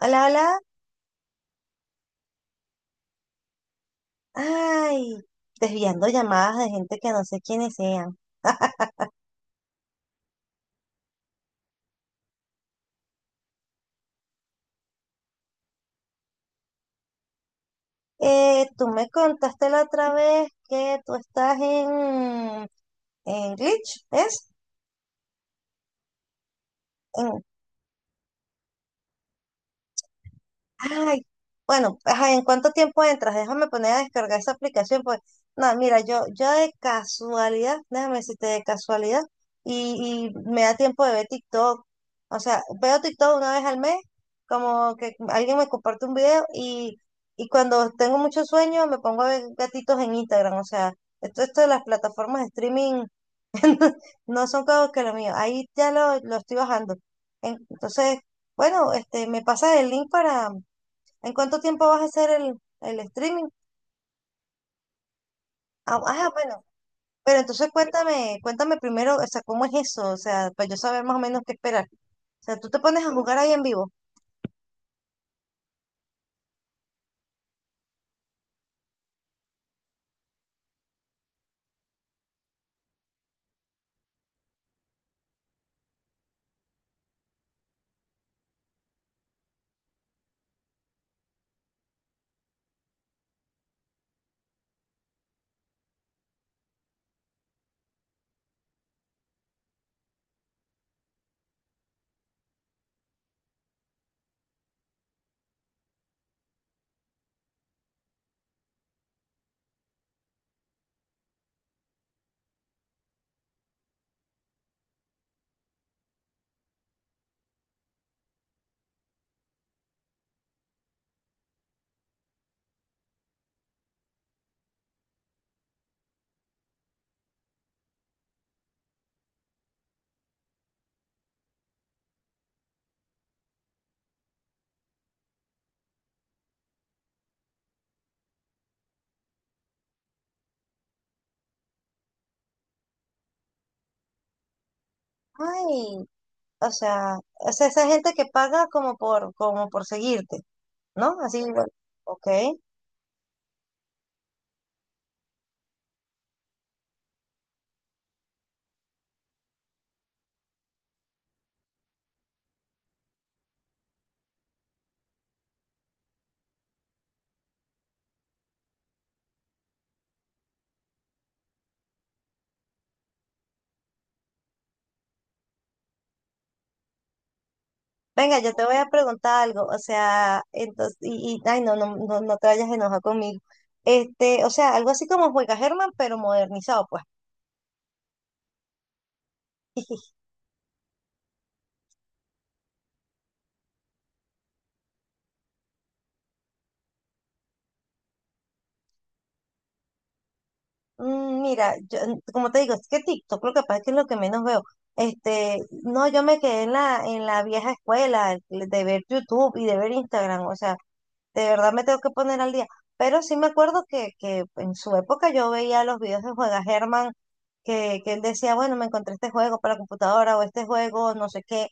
Hola, hola. Ay, desviando llamadas de gente que no sé quiénes sean. Tú me contaste la otra vez que tú estás en Glitch, ¿es? Ay, bueno, ajá, ¿en cuánto tiempo entras? Déjame poner a descargar esa aplicación, pues, no, mira, yo de casualidad, déjame decirte de casualidad, y me da tiempo de ver TikTok, o sea, veo TikTok una vez al mes, como que alguien me comparte un video, y cuando tengo mucho sueño me pongo a ver gatitos en Instagram, o sea, esto de las plataformas de streaming no son cosas que lo mío, ahí ya lo estoy bajando. Entonces, bueno, este, me pasas el link para... ¿En cuánto tiempo vas a hacer el streaming? Ah, ah, bueno, pero entonces cuéntame, cuéntame primero, o sea, ¿cómo es eso? O sea, para yo saber más o menos qué esperar. O sea, tú te pones a jugar ahí en vivo. Ay, o sea, esa gente que paga como por, como por seguirte, ¿no? Así, bueno, ok. Venga, yo te voy a preguntar algo, o sea, entonces, ay, no, no, no, no te vayas enojado conmigo. Este, o sea, algo así como Juega Germán, pero modernizado, pues. Mm. Mira, yo, como te digo, es que TikTok lo que pasa es que es lo que menos veo. Este, no, yo me quedé en la vieja escuela de ver YouTube y de ver Instagram, o sea, de verdad me tengo que poner al día. Pero sí me acuerdo que en su época yo veía los videos de Juega Germán, que él decía, bueno, me encontré este juego para computadora o este juego, no sé qué,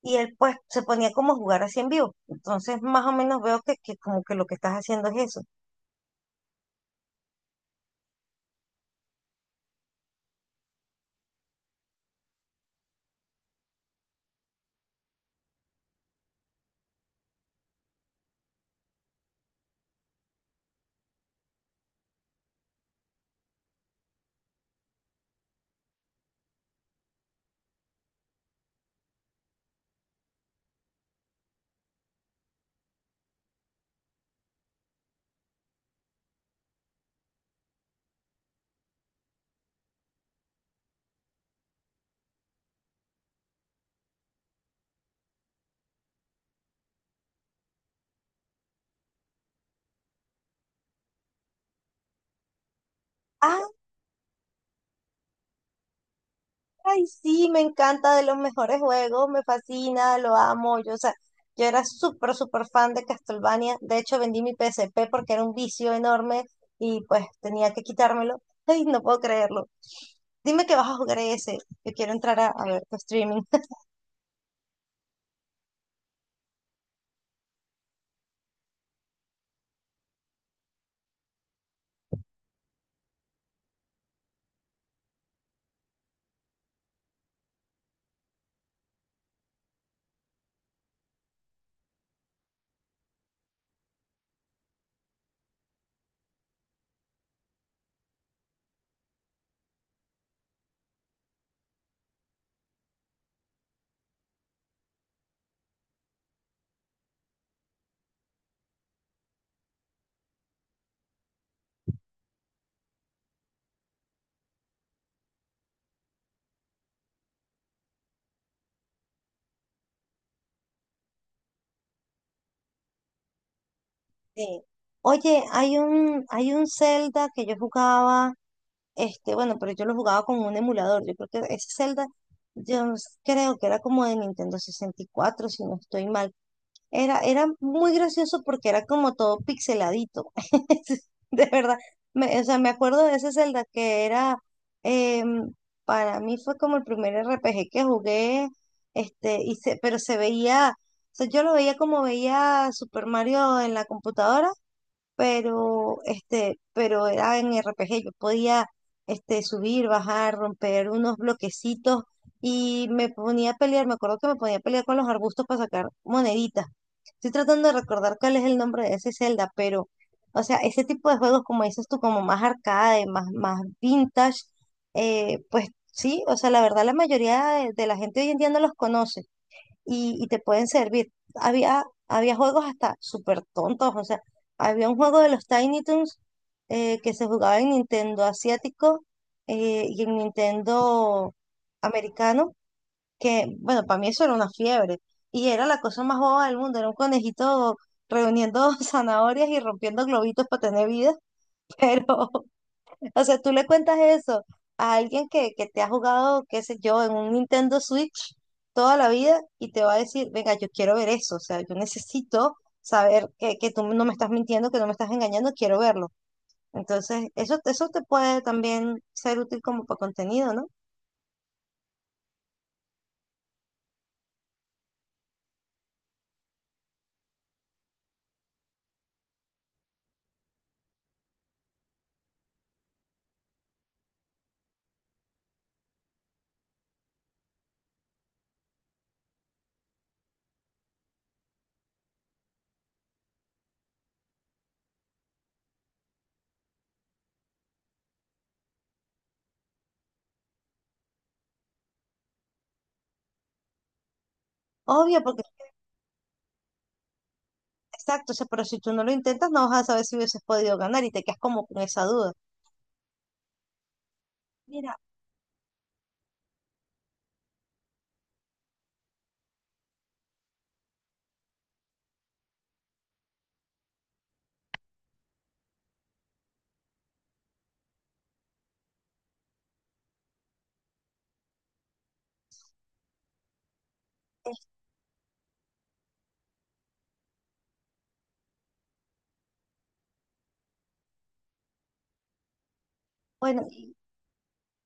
y él pues se ponía como a jugar así en vivo. Entonces, más o menos veo que como que lo que estás haciendo es eso. Ah, ay, sí, me encanta, de los mejores juegos, me fascina, lo amo. Yo, o sea, yo era súper, súper fan de Castlevania. De hecho, vendí mi PSP porque era un vicio enorme y pues tenía que quitármelo. Ay, no puedo creerlo. Dime que vas a jugar ese. Yo quiero entrar a ver tu streaming. Sí. Oye, hay un Zelda que yo jugaba, este, bueno, pero yo lo jugaba con un emulador. Yo creo que ese Zelda, yo creo que era como de Nintendo 64 si no estoy mal. Era, era muy gracioso porque era como todo pixeladito. De verdad. O sea, me acuerdo de ese Zelda que era, em, para mí fue como el primer RPG que jugué, este, pero se veía, o sea, yo lo veía como veía Super Mario en la computadora, pero este, pero era en RPG. Yo podía este, subir, bajar, romper unos bloquecitos y me ponía a pelear, me acuerdo que me ponía a pelear con los arbustos para sacar moneditas. Estoy tratando de recordar cuál es el nombre de ese Zelda, pero, o sea, ese tipo de juegos, como dices tú, como más arcade, más, más vintage, pues sí, o sea, la verdad la mayoría de la gente hoy en día no los conoce y te pueden servir. Había, había juegos hasta súper tontos, o sea, había un juego de los Tiny Toons, que se jugaba en Nintendo asiático, y en Nintendo americano, que bueno, para mí eso era una fiebre y era la cosa más boba del mundo, era un conejito reuniendo zanahorias y rompiendo globitos para tener vida, pero o sea, tú le cuentas eso a alguien que te ha jugado, qué sé yo, en un Nintendo Switch toda la vida y te va a decir, venga, yo quiero ver eso, o sea, yo necesito saber que tú no me estás mintiendo, que no me estás engañando, quiero verlo. Entonces, eso te puede también ser útil como para contenido, ¿no? Obvio, porque, exacto, o sea, pero si tú no lo intentas, no vas a saber si hubieses podido ganar y te quedas como con esa duda. Mira, es- bueno,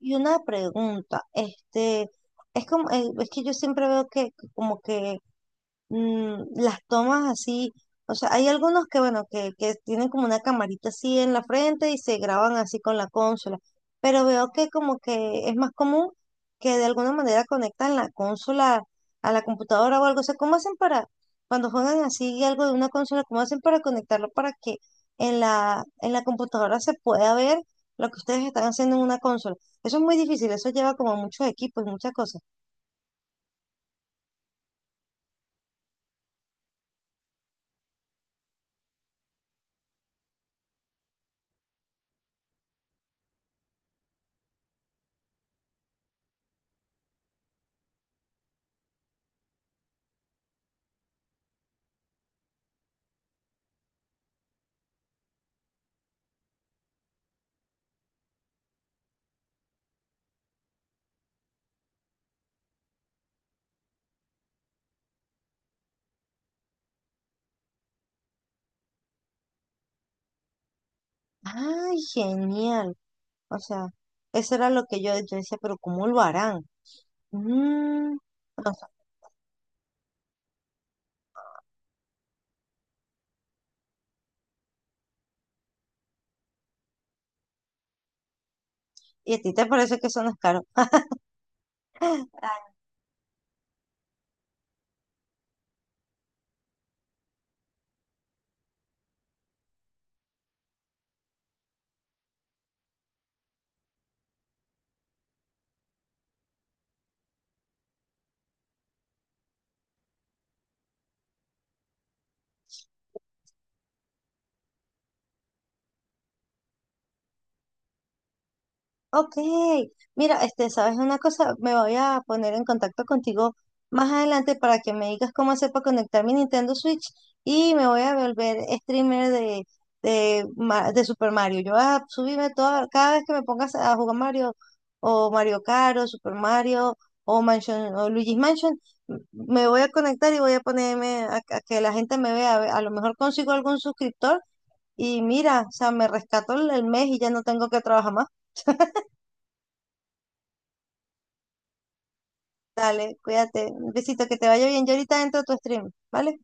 y una pregunta, este... Es como, es que yo siempre veo que como que mm, las tomas así, o sea, hay algunos que, bueno, que tienen como una camarita así en la frente y se graban así con la consola, pero veo que como que es más común que de alguna manera conectan la consola a la computadora o algo, o sea, ¿cómo hacen para, cuando juegan así algo de una consola, cómo hacen para conectarlo para que en la computadora se pueda ver lo que ustedes están haciendo en una consola? Eso es muy difícil, eso lleva como muchos equipos y muchas cosas. ¡Ay, genial! O sea, eso era lo que yo decía, pero ¿cómo lo harán? Mm, o sea, y a ti te parece que eso no es caro. Ok, mira, este, ¿sabes una cosa? Me voy a poner en contacto contigo más adelante para que me digas cómo hacer para conectar mi Nintendo Switch y me voy a volver streamer de Super Mario. Yo voy a subirme toda, cada vez que me pongas a jugar Mario o Mario Kart o Super Mario o Mansion o Luigi's Mansion, me voy a conectar y voy a ponerme a que la gente me vea. A ver, a lo mejor consigo algún suscriptor y mira, o sea, me rescato el mes y ya no tengo que trabajar más. Dale, cuídate. Un besito, que te vaya bien. Yo ahorita entro a tu stream, ¿vale?